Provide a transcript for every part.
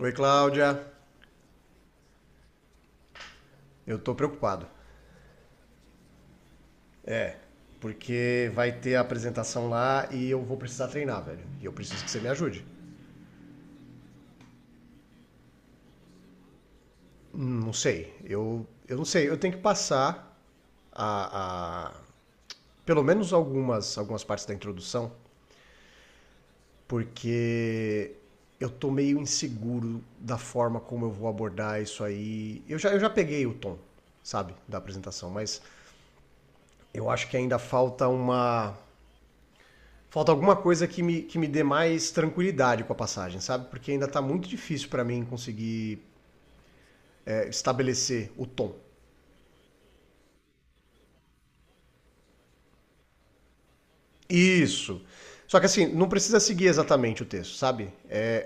Oi, Cláudia. Eu tô preocupado. É, porque vai ter a apresentação lá e eu vou precisar treinar, velho. E eu preciso que você me ajude. Não sei. Eu não sei. Eu tenho que passar a, a- pelo menos algumas partes da introdução, porque eu tô meio inseguro da forma como eu vou abordar isso aí. Eu já peguei o tom, sabe, da apresentação, mas eu acho que ainda falta alguma coisa que me dê mais tranquilidade com a passagem, sabe? Porque ainda tá muito difícil para mim conseguir estabelecer o tom. Isso. Só que assim, não precisa seguir exatamente o texto, sabe?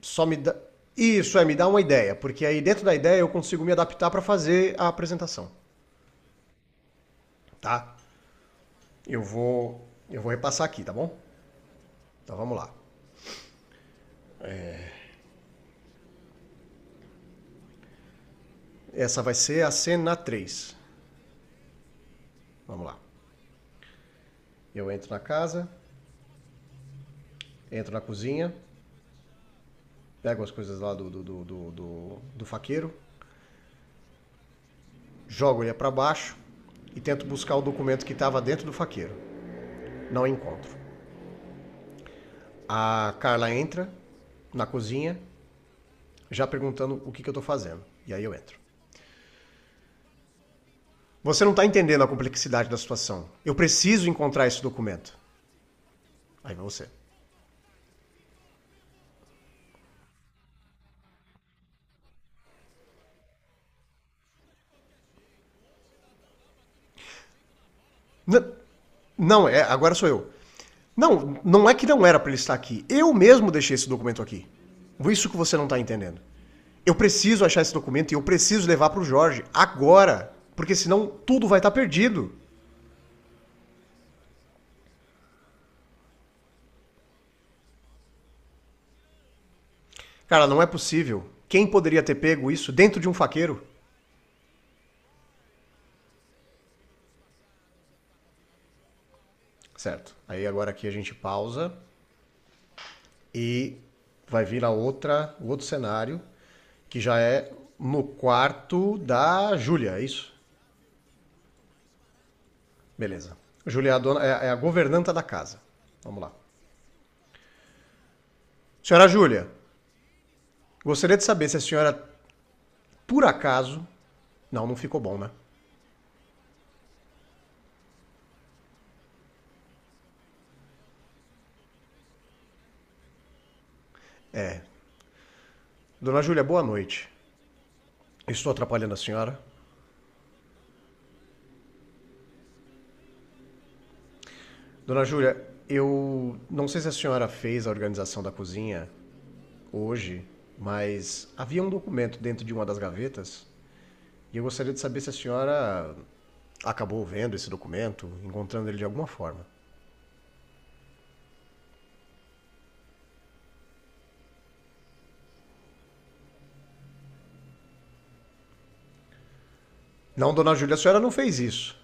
Só me dá. Isso, é, me dá uma ideia, porque aí dentro da ideia eu consigo me adaptar para fazer a apresentação, tá? Eu vou repassar aqui, tá bom? Então vamos lá. Essa vai ser a cena três. Vamos lá. Eu entro na casa, entro na cozinha, pego as coisas lá do faqueiro, jogo ele para baixo e tento buscar o documento que estava dentro do faqueiro. Não encontro. A Carla entra na cozinha, já perguntando que eu estou fazendo. E aí eu entro. Você não está entendendo a complexidade da situação. Eu preciso encontrar esse documento. Aí vai você. Não, não, é, agora sou eu. Não, não é que não era para ele estar aqui. Eu mesmo deixei esse documento aqui. Isso que você não está entendendo. Eu preciso achar esse documento e eu preciso levar para o Jorge agora, porque senão tudo vai estar tá perdido. Cara, não é possível. Quem poderia ter pego isso dentro de um faqueiro? Certo. Aí agora aqui a gente pausa e vai vir o outro cenário, que já é no quarto da Júlia, é isso? Beleza. Júlia é é a governanta da casa. Vamos lá. Senhora Júlia, gostaria de saber se a senhora, por acaso. Não, não ficou bom, né? Dona Júlia, boa noite. Estou atrapalhando a senhora? Dona Júlia, eu não sei se a senhora fez a organização da cozinha hoje, mas havia um documento dentro de uma das gavetas e eu gostaria de saber se a senhora acabou vendo esse documento, encontrando ele de alguma forma. Não, dona Júlia, a senhora não fez isso.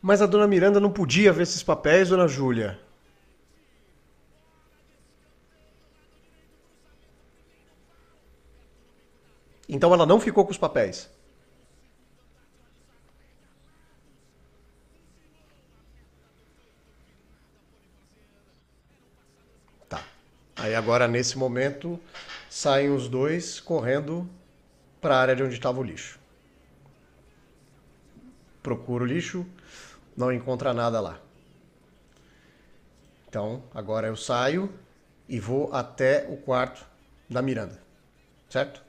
Mas a dona Miranda não podia ver esses papéis, dona Júlia. Então ela não ficou com os papéis. Tá. Aí agora, nesse momento, saem os dois correndo para a área de onde estava o lixo. Procuro o lixo, não encontra nada lá. Então agora eu saio e vou até o quarto da Miranda, certo?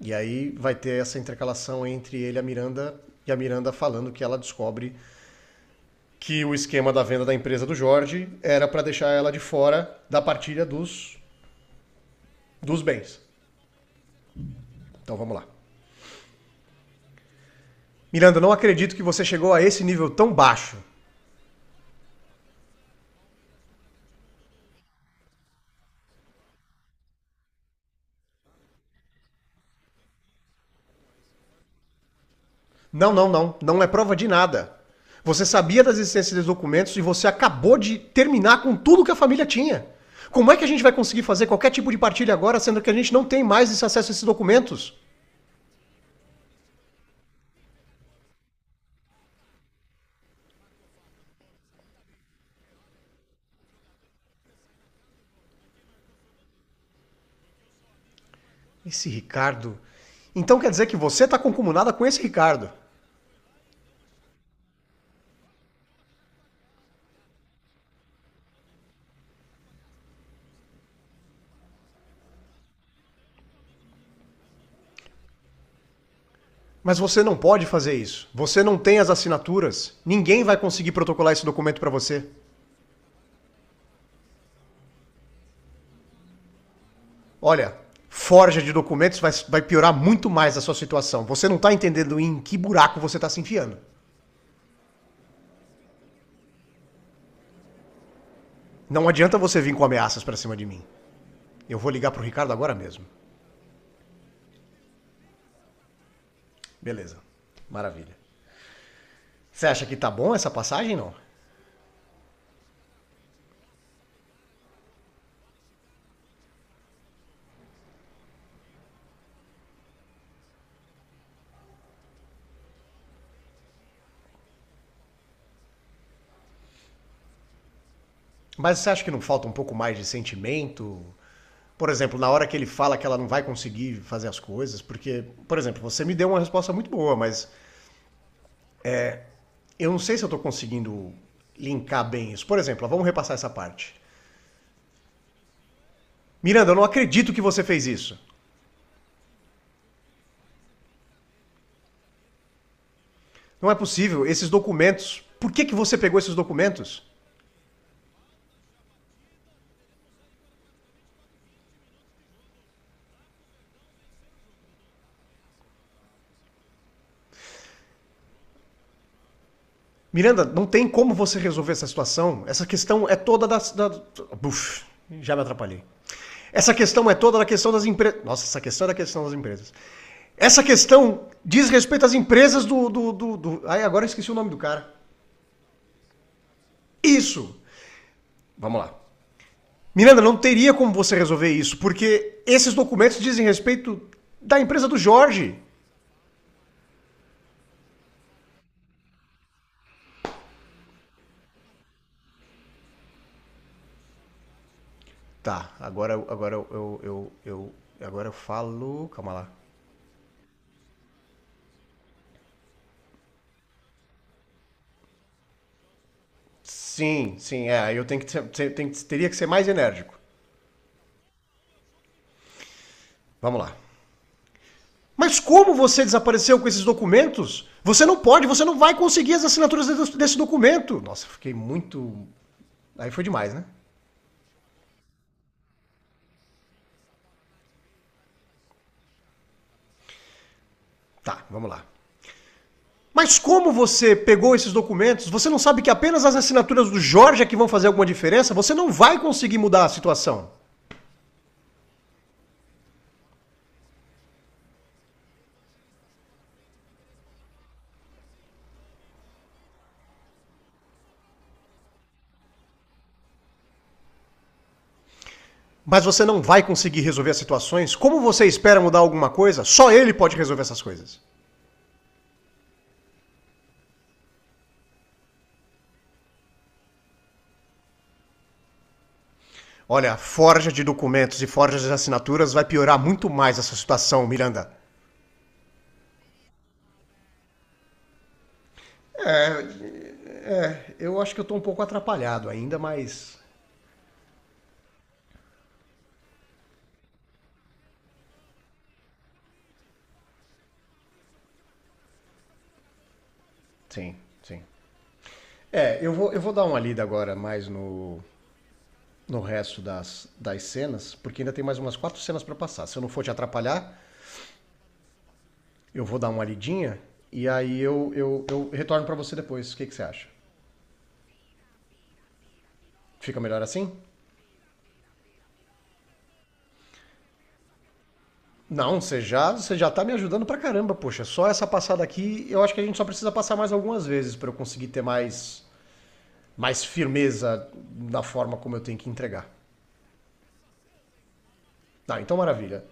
E aí vai ter essa intercalação entre ele e a Miranda falando que ela descobre que o esquema da venda da empresa do Jorge era para deixar ela de fora da partilha dos bens. Então vamos lá. Miranda, não acredito que você chegou a esse nível tão baixo. Não, não, não. Não é prova de nada. Você sabia da existência dos documentos e você acabou de terminar com tudo que a família tinha. Como é que a gente vai conseguir fazer qualquer tipo de partilha agora, sendo que a gente não tem mais esse acesso a esses documentos? Esse Ricardo. Então quer dizer que você está concomunada com esse Ricardo. Mas você não pode fazer isso. Você não tem as assinaturas. Ninguém vai conseguir protocolar esse documento para você. Olha, forja de documentos vai piorar muito mais a sua situação. Você não está entendendo em que buraco você está se enfiando. Não adianta você vir com ameaças para cima de mim. Eu vou ligar pro Ricardo agora mesmo. Beleza. Maravilha. Você acha que tá bom essa passagem, não? Mas você acha que não falta um pouco mais de sentimento? Por exemplo, na hora que ele fala que ela não vai conseguir fazer as coisas, porque, por exemplo, você me deu uma resposta muito boa, mas eu não sei se eu estou conseguindo linkar bem isso. Por exemplo, ó, vamos repassar essa parte. Miranda, eu não acredito que você fez isso. Não é possível, esses documentos. Que você pegou esses documentos? Miranda, não tem como você resolver essa situação. Essa questão é toda da. Da... Buf, já me atrapalhei. Essa questão é toda da questão das empresas. Nossa, essa questão é da questão das empresas. Essa questão diz respeito às empresas Ai, agora eu esqueci o nome do cara. Isso! Vamos lá. Miranda, não teria como você resolver isso, porque esses documentos dizem respeito da empresa do Jorge. Tá, agora agora eu falo. Calma lá. Sim, sim, é. Aí Eu tenho que ser- tenho teria que ser mais enérgico. Vamos lá. Mas como você desapareceu com esses documentos? Você não vai conseguir as assinaturas desse documento. Nossa, fiquei muito. Aí foi demais, né? Tá, vamos lá. Mas como você pegou esses documentos? Você não sabe que apenas as assinaturas do Jorge é que vão fazer alguma diferença? Você não vai conseguir mudar a situação. Mas você não vai conseguir resolver as situações? Como você espera mudar alguma coisa? Só ele pode resolver essas coisas. Olha, a forja de documentos e forja de assinaturas vai piorar muito mais essa situação, Miranda. Eu acho que eu tô um pouco atrapalhado ainda, mas. Sim, sim. É, eu vou dar uma lida agora mais no. No resto das cenas, porque ainda tem mais umas quatro cenas para passar. Se eu não for te atrapalhar, eu vou dar uma lidinha e aí eu retorno para você depois. Que você acha? Fica melhor assim? Não, você já tá me ajudando pra caramba, poxa. Só essa passada aqui, eu acho que a gente só precisa passar mais algumas vezes para eu conseguir ter mais, mais firmeza na forma como eu tenho que entregar. Tá, então maravilha.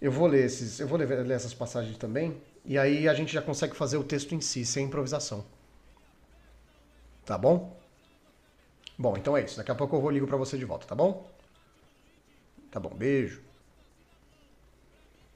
Eu vou ler, ler essas passagens também, e aí a gente já consegue fazer o texto em si, sem improvisação, tá bom? Bom, então é isso. Daqui a pouco eu vou ligo para você de volta, tá bom? Tá bom, beijo.